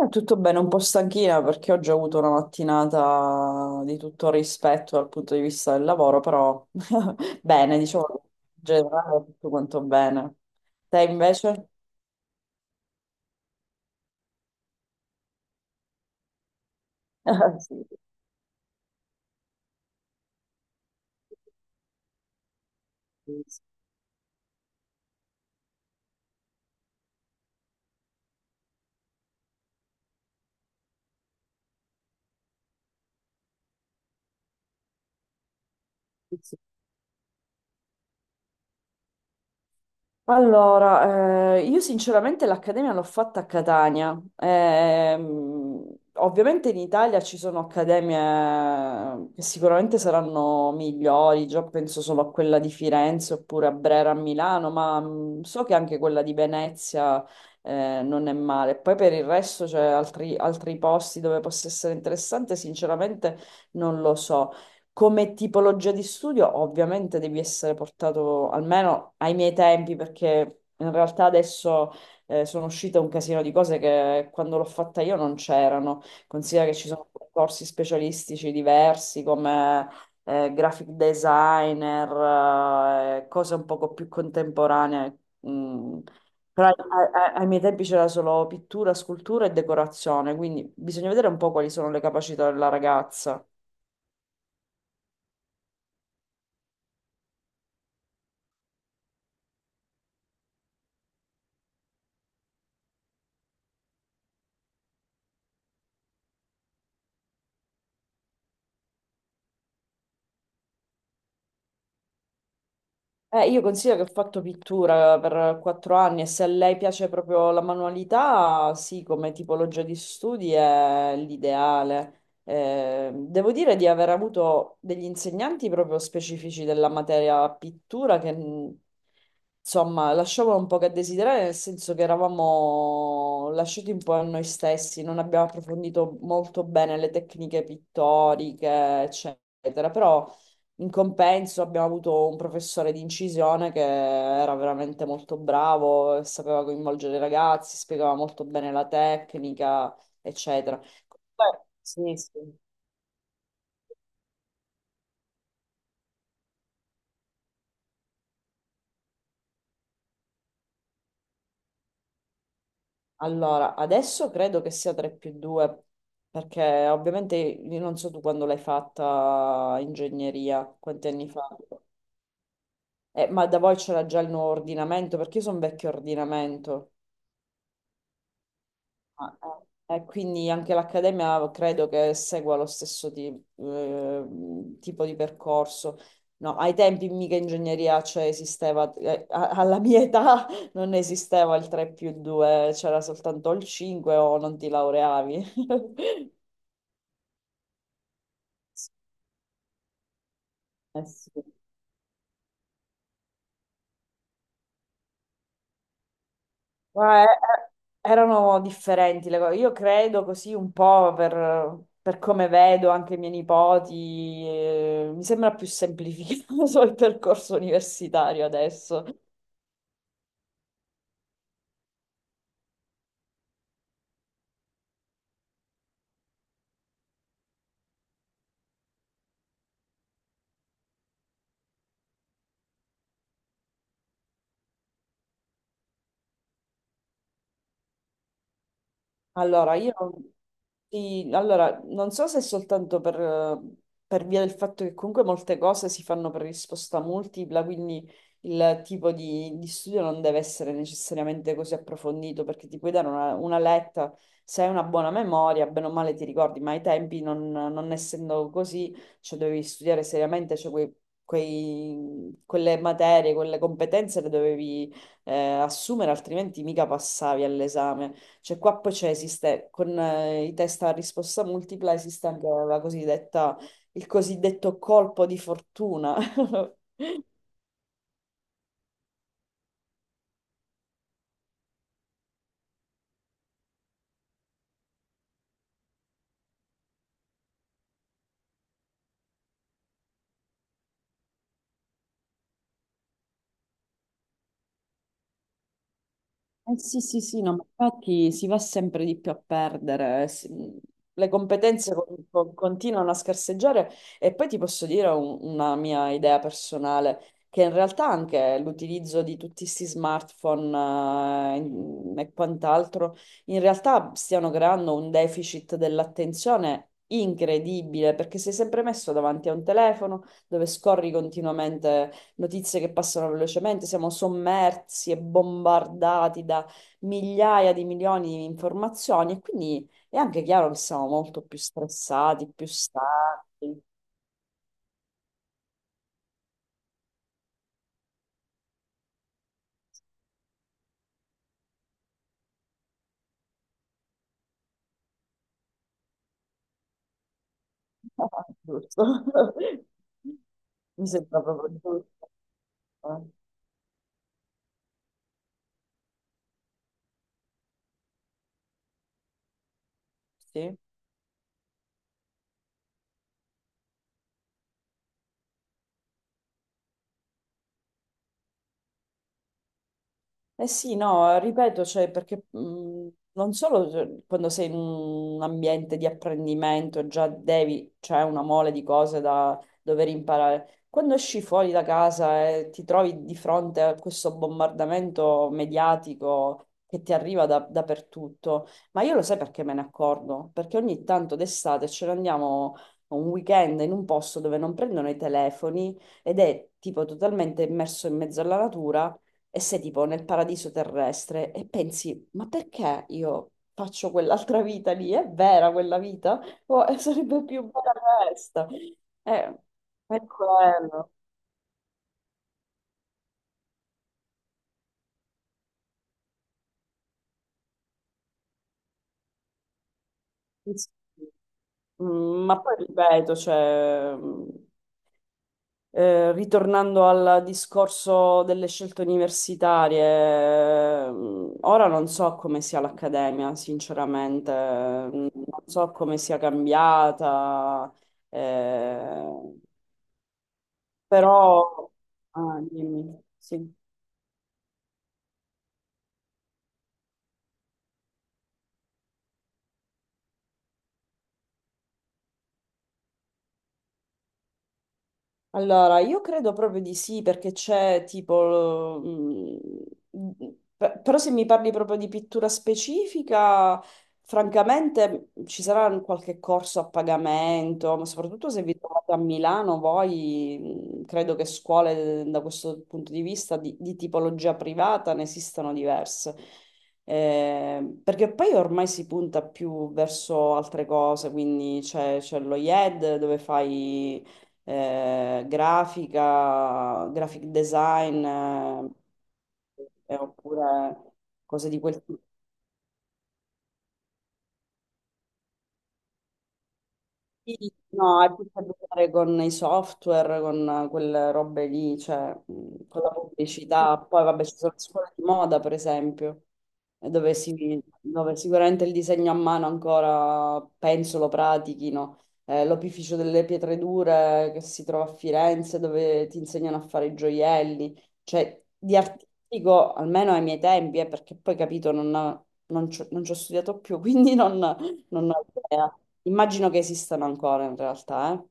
Tutto bene, un po' stanchina perché oggi ho avuto una mattinata di tutto rispetto dal punto di vista del lavoro, però bene, diciamo, in generale tutto quanto bene. Te invece? Sì, sì, sì, sì. Allora, io sinceramente l'accademia l'ho fatta a Catania. Ovviamente in Italia ci sono accademie che sicuramente saranno migliori, già penso solo a quella di Firenze oppure a Brera a Milano, ma so che anche quella di Venezia, non è male. Poi per il resto c'è altri posti dove possa essere interessante, sinceramente non lo so. Come tipologia di studio, ovviamente devi essere portato almeno ai miei tempi, perché in realtà adesso sono uscite un casino di cose che quando l'ho fatta io non c'erano. Considera che ci sono corsi specialistici diversi come graphic designer, cose un poco più contemporanee. Mm. Però ai miei tempi c'era solo pittura, scultura e decorazione, quindi bisogna vedere un po' quali sono le capacità della ragazza. Io considero che ho fatto pittura per 4 anni e se a lei piace proprio la manualità, sì, come tipologia di studi è l'ideale. Devo dire di aver avuto degli insegnanti proprio specifici della materia pittura che, insomma, lasciavano un po' che desiderare, nel senso che eravamo lasciati un po' a noi stessi, non abbiamo approfondito molto bene le tecniche pittoriche, eccetera, però. In compenso abbiamo avuto un professore di incisione che era veramente molto bravo, e sapeva coinvolgere i ragazzi, spiegava molto bene la tecnica, eccetera. Comunque, sì, sì. Allora, adesso credo che sia 3 più 2, perché ovviamente io non so tu quando l'hai fatta ingegneria, quanti anni fa. Ma da voi c'era già il nuovo ordinamento, perché io sono vecchio ordinamento. Ah, eh. E quindi anche l'Accademia credo che segua lo stesso eh, tipo di percorso. No, ai tempi mica ingegneria, cioè esisteva, alla mia età non esisteva il 3 più 2, c'era soltanto il 5 o non ti laureavi. Eh sì. Ma, erano differenti le cose. Io credo così un po' per come vedo anche i miei nipoti, mi sembra più semplificato il percorso universitario adesso. Allora, io, sì, allora, non so se è soltanto per via del fatto che comunque molte cose si fanno per risposta multipla, quindi il tipo di studio non deve essere necessariamente così approfondito, perché ti puoi dare una letta, se hai una buona memoria, bene o male ti ricordi, ma ai tempi non essendo così, cioè dovevi studiare seriamente, cioè quelle materie, quelle competenze le dovevi assumere, altrimenti mica passavi all'esame. Cioè qua poi c'è, esiste, con i test a risposta multipla esiste anche la cosiddetta, il cosiddetto colpo di fortuna. Eh sì, sì, sì, no, ma infatti si va sempre di più a perdere, le competenze continuano a scarseggiare e poi ti posso dire una mia idea personale, che in realtà anche l'utilizzo di tutti questi smartphone e quant'altro, in realtà stiano creando un deficit dell'attenzione incredibile, perché sei sempre messo davanti a un telefono dove scorri continuamente notizie che passano velocemente, siamo sommersi e bombardati da migliaia di milioni di informazioni e quindi è anche chiaro che siamo molto più stressati, più stanchi. Giusto? Mi sembra proprio giusto. Eh? Sì. Eh sì, no, ripeto, cioè, perché non solo cioè, quando sei in un ambiente di apprendimento già devi, c'è una mole di cose da dover imparare. Quando esci fuori da casa e ti trovi di fronte a questo bombardamento mediatico che ti arriva dappertutto, ma io lo sai perché me ne accorgo? Perché ogni tanto d'estate ce ne andiamo un weekend in un posto dove non prendono i telefoni ed è tipo totalmente immerso in mezzo alla natura e sei tipo nel paradiso terrestre e pensi, ma perché io faccio quell'altra vita lì? È vera quella vita? O sarebbe più bella questa? Eh, è quello. Sì, sì. Ma poi ripeto, cioè, ritornando al discorso delle scelte universitarie, ora non so come sia l'accademia, sinceramente, non so come sia cambiata. eh, Però, ah, dimmi, sì. Allora, io credo proprio di sì, perché c'è tipo, mm, Però se mi parli proprio di pittura specifica, francamente ci sarà un qualche corso a pagamento, ma soprattutto se vi trovate a Milano, voi credo che scuole da questo punto di vista di tipologia privata ne esistano diverse. Perché poi ormai si punta più verso altre cose, quindi c'è lo IED dove fai grafica, graphic design, oppure cose di quel tipo. Sì. No, ha più a che fare con i software, con quelle robe lì, cioè con la pubblicità. Poi vabbè, ci sono le scuole di moda, per esempio, e dove sicuramente il disegno a mano ancora, penso, lo pratichino. L'opificio delle pietre dure che si trova a Firenze, dove ti insegnano a fare i gioielli. Cioè, di artistico, almeno ai miei tempi, perché poi capito, non ci ho studiato più, quindi non ho idea. Immagino che esistano ancora in realtà, eh.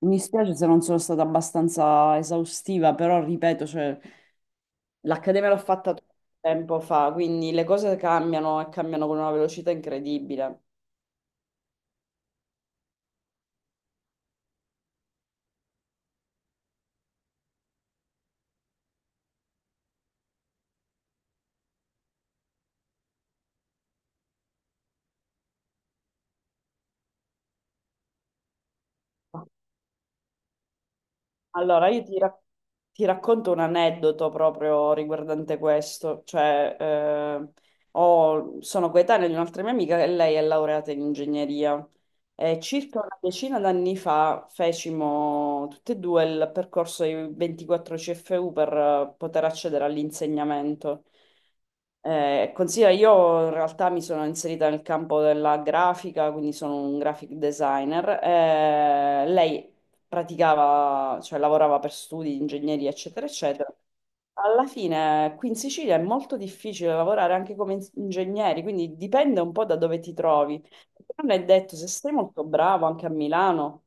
Mi spiace se non sono stata abbastanza esaustiva, però ripeto, cioè, l'accademia l'ho fatta tempo fa, quindi le cose cambiano e cambiano con una velocità incredibile. Allora, io ti racconto un aneddoto proprio riguardante questo, cioè sono coetanea di un'altra mia amica e lei è laureata in ingegneria e circa una decina d'anni fa fecimo tutte e due il percorso dei 24 CFU per poter accedere all'insegnamento. Considera, io in realtà mi sono inserita nel campo della grafica, quindi sono un graphic designer. Lei praticava, cioè lavorava per studi di ingegneria, eccetera, eccetera. Alla fine qui in Sicilia è molto difficile lavorare anche come ingegneri, quindi dipende un po' da dove ti trovi. Non è detto, se sei molto bravo anche a Milano,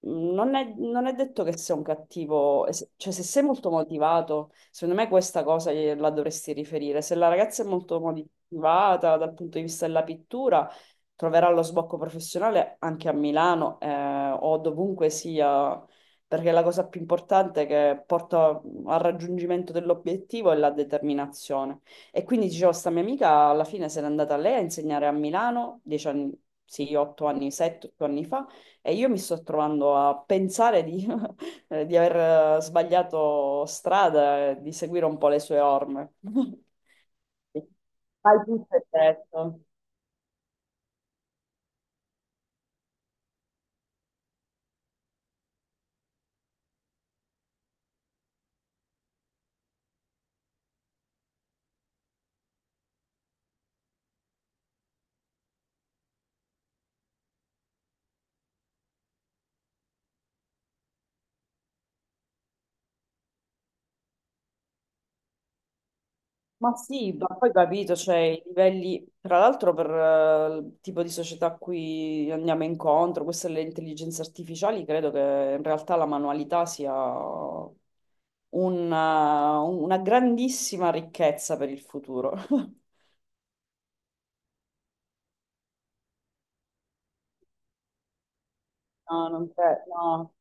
non è detto che sei un cattivo, cioè se sei molto motivato, secondo me questa cosa gliela dovresti riferire. Se la ragazza è molto motivata dal punto di vista della pittura, troverà lo sbocco professionale anche a Milano o dovunque sia, perché la cosa più importante che porta al raggiungimento dell'obiettivo è la determinazione. E quindi dicevo, sta mia amica alla fine se n'è andata lei a insegnare a Milano, 10 anni, sì, 8 anni, 7, 8 anni fa, e io mi sto trovando a pensare di, di aver sbagliato strada, e di seguire un po' le sue orme. Hai tutto e detto. Ma sì, ma poi capito, cioè i livelli, tra l'altro per il tipo di società a cui andiamo incontro, queste le intelligenze artificiali, credo che in realtà la manualità sia una grandissima ricchezza per il futuro. No, non credo, no,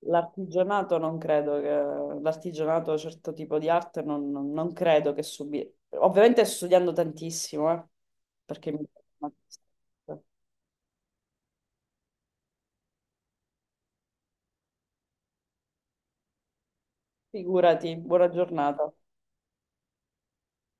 l'artigianato non credo che, l'artigianato, certo tipo di arte, non credo che subire. Ovviamente studiando tantissimo, perché mi. Figurati, buona giornata.